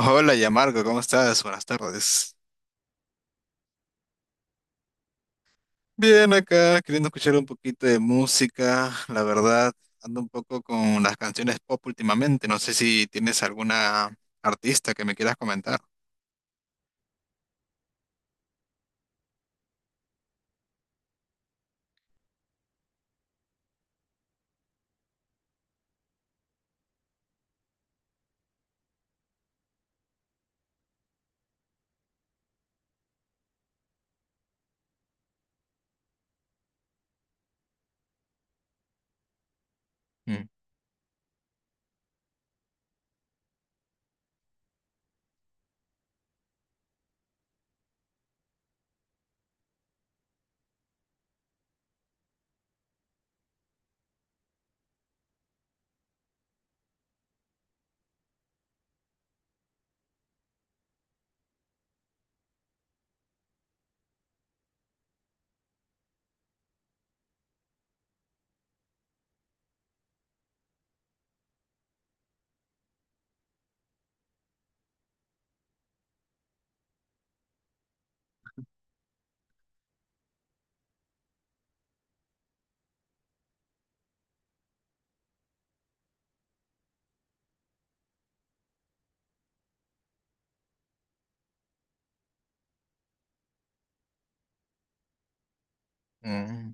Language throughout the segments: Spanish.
Hola, Yamarco, ¿cómo estás? Buenas tardes. Bien acá, queriendo escuchar un poquito de música. La verdad, ando un poco con las canciones pop últimamente. No sé si tienes alguna artista que me quieras comentar. Mm. mm.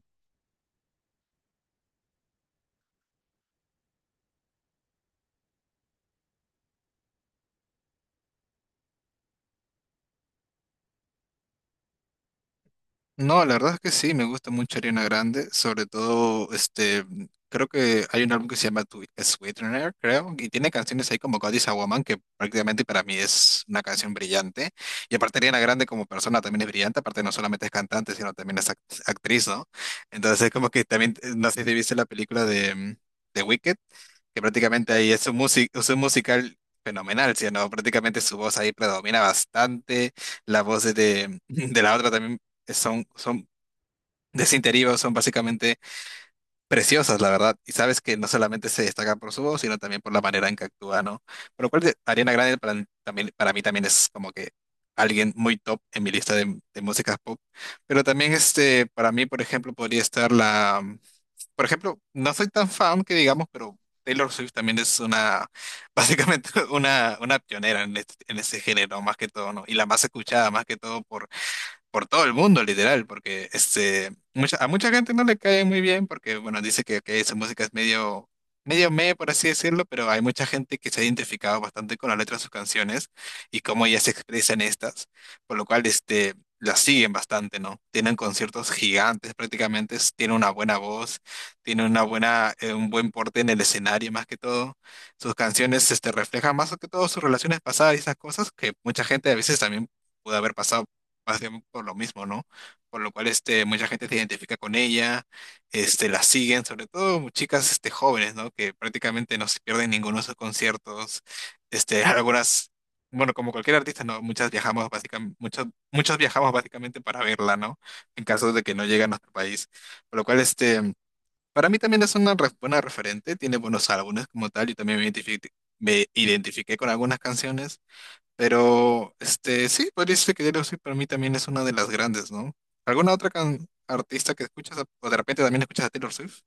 No, la verdad es que sí, me gusta mucho Ariana Grande, sobre todo, creo que hay un álbum que se llama Sweetener, creo, y tiene canciones ahí como God is a Woman, que prácticamente para mí es una canción brillante, y aparte Ariana Grande como persona también es brillante, aparte no solamente es cantante, sino también es actriz, ¿no? Entonces es como que también, no sé si viste la película de, de Wicked, que prácticamente ahí es es un musical fenomenal, ¿sí o no? Prácticamente su voz ahí predomina bastante, las voces de, de la otra también son, son de Cinterío, son básicamente preciosas, la verdad. Y sabes que no solamente se destacan por su voz, sino también por la manera en que actúa, ¿no? Por lo cual Ariana Grande para, también, para mí también es como que alguien muy top en mi lista de músicas pop. Pero también este, para mí, por ejemplo, podría estar la por ejemplo, no soy tan fan que digamos, pero Taylor Swift también es una, básicamente una pionera en en ese género, más que todo, ¿no? Y la más escuchada, más que todo, por todo el mundo, literal, porque este, mucha, a mucha gente no le cae muy bien porque, bueno, dice que esa música es medio, medio meh, por así decirlo, pero hay mucha gente que se ha identificado bastante con la letra de sus canciones y cómo ellas se expresan estas, por lo cual, este, las siguen bastante, ¿no? Tienen conciertos gigantes prácticamente, tienen una buena voz, tienen una buena, un buen porte en el escenario más que todo. Sus canciones, este, reflejan más que todo sus relaciones pasadas y esas cosas que mucha gente a veces también pudo haber pasado más bien por lo mismo, ¿no? Por lo cual este, mucha gente se identifica con ella, este, la siguen, sobre todo chicas este, jóvenes, ¿no? Que prácticamente no se pierden ninguno de sus conciertos. Este, algunas, bueno, como cualquier artista, ¿no? Muchas viajamos básicamente, muchos viajamos básicamente para verla, ¿no? En caso de que no llegue a nuestro país. Por lo cual, este, para mí también es una buena referente, tiene buenos álbumes como tal, y también me me identifiqué con algunas canciones, pero, este, sí, podría decirse que Taylor Swift para mí también es una de las grandes, ¿no? ¿Alguna otra artista que escuchas o de repente también escuchas a Taylor Swift?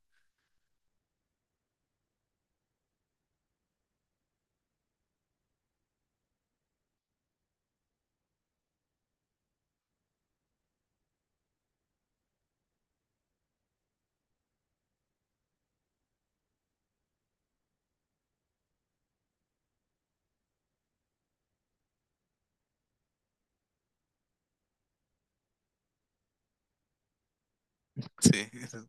Sí.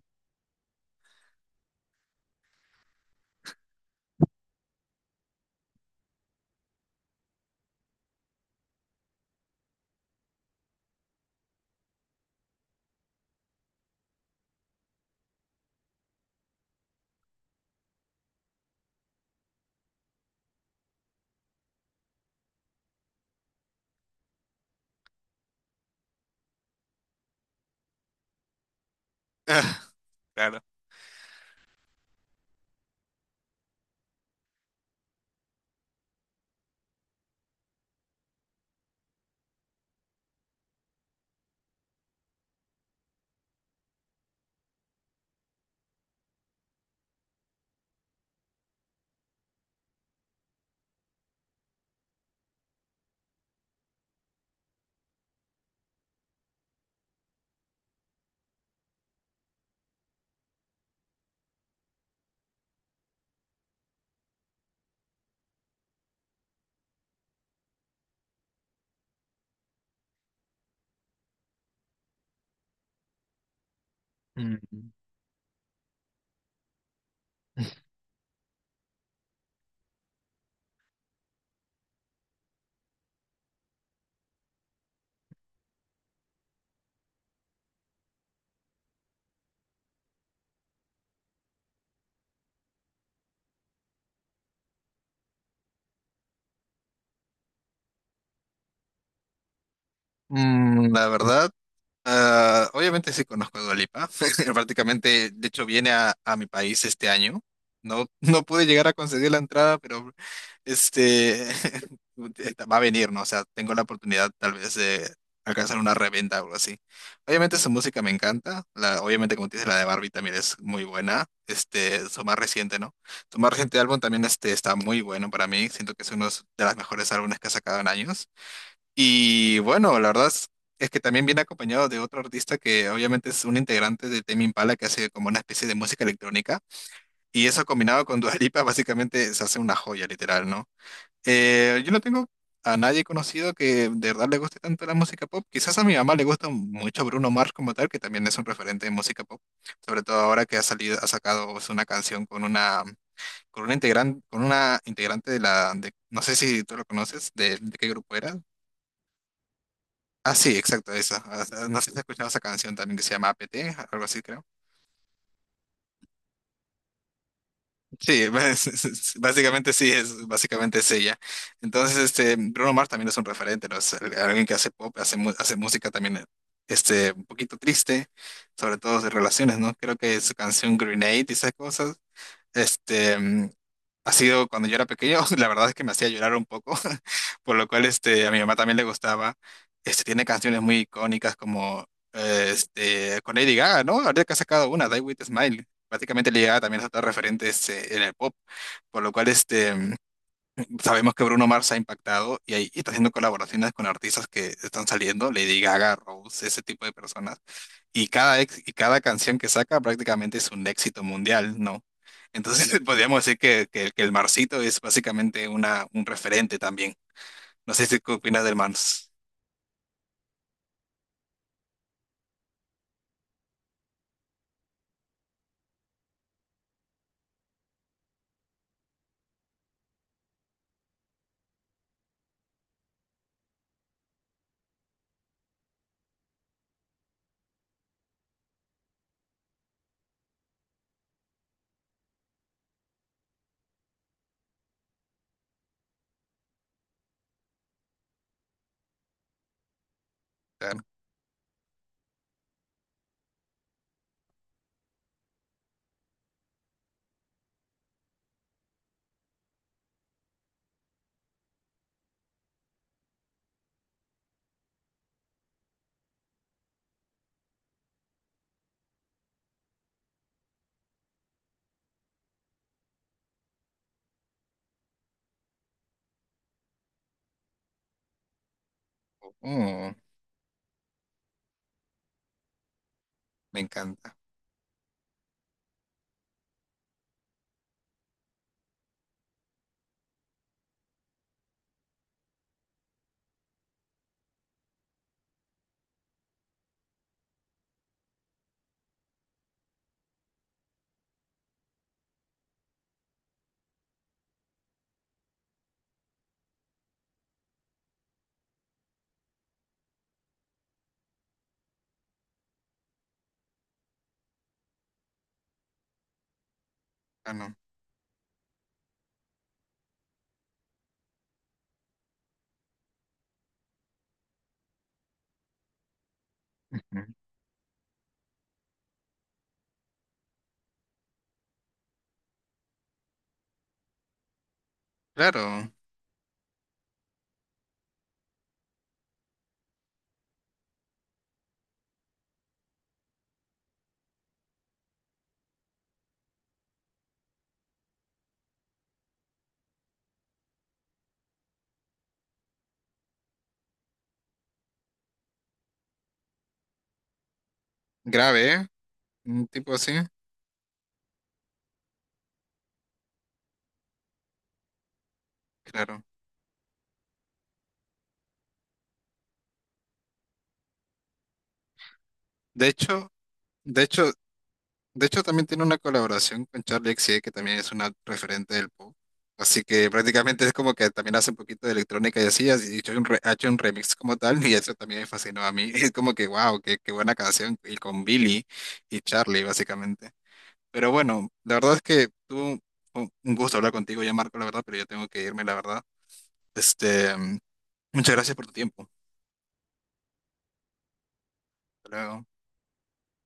claro. Mm, verdad, Ah, obviamente sí conozco a Dua Lipa. Prácticamente, de hecho, viene a mi país este año. No, no pude llegar a conseguir la entrada, pero este va a venir, ¿no? O sea, tengo la oportunidad tal vez de alcanzar una reventa o algo así. Obviamente su música me encanta. La, obviamente, como te dice, la de Barbie también es muy buena. Este, su más reciente, ¿no? Su más reciente álbum también este, está muy bueno para mí. Siento que es uno de los mejores álbumes que ha sacado en años. Y bueno, es que también viene acompañado de otro artista que obviamente es un integrante de Tame Impala que hace como una especie de música electrónica. Y eso combinado con Dua Lipa básicamente se hace una joya literal, ¿no? Yo no tengo a nadie conocido que de verdad le guste tanto la música pop. Quizás a mi mamá le gusta mucho Bruno Mars como tal, que también es un referente de música pop. Sobre todo ahora que ha salido, ha sacado pues, una canción con una integrante de no sé si tú lo conoces, de qué grupo era, Ah, sí, exacto, esa. Ah, ah, No sé si has escuchado esa canción también que se llama APT, algo así creo. Sí, básicamente sí, es, básicamente es ella. Entonces, este, Bruno Mars también es un referente, ¿no? Es alguien que hace pop, hace, hace música también, este, un poquito triste, sobre todo de relaciones, ¿no? Creo que su canción Grenade y esas cosas, este, ha sido cuando yo era pequeño, la verdad es que me hacía llorar un poco, por lo cual este, a mi mamá también le gustaba. Este, tiene canciones muy icónicas como este, con Lady Gaga, ¿no? Ahorita que ha sacado una, Die With a Smile. Prácticamente Lady Gaga también es otra referente este, en el pop, por lo cual este, sabemos que Bruno Mars ha impactado y está haciendo colaboraciones con artistas que están saliendo, Lady Gaga, Rose, ese tipo de personas. Y y cada canción que saca prácticamente es un éxito mundial, ¿no? Entonces podríamos decir que, que el Marsito es básicamente una, un referente también. No sé si qué opinas del Mars. Claro. Oh, me encanta. Ah, no. Ujú. Claro, grave, ¿eh? Un tipo así, claro. De hecho, de hecho, de hecho, también tiene una colaboración con Charlie XCX, que también es una referente del pop. Así que prácticamente es como que también hace un poquito de electrónica y así, ha hecho ha hecho un remix como tal, y eso también me fascinó a mí. Es como que, wow, qué, qué buena canción, y con Billy y Charlie, básicamente. Pero bueno, la verdad es que tuvo un gusto hablar contigo ya, Marco, la verdad, pero yo tengo que irme, la verdad. Este, muchas gracias por tu tiempo. Hasta luego.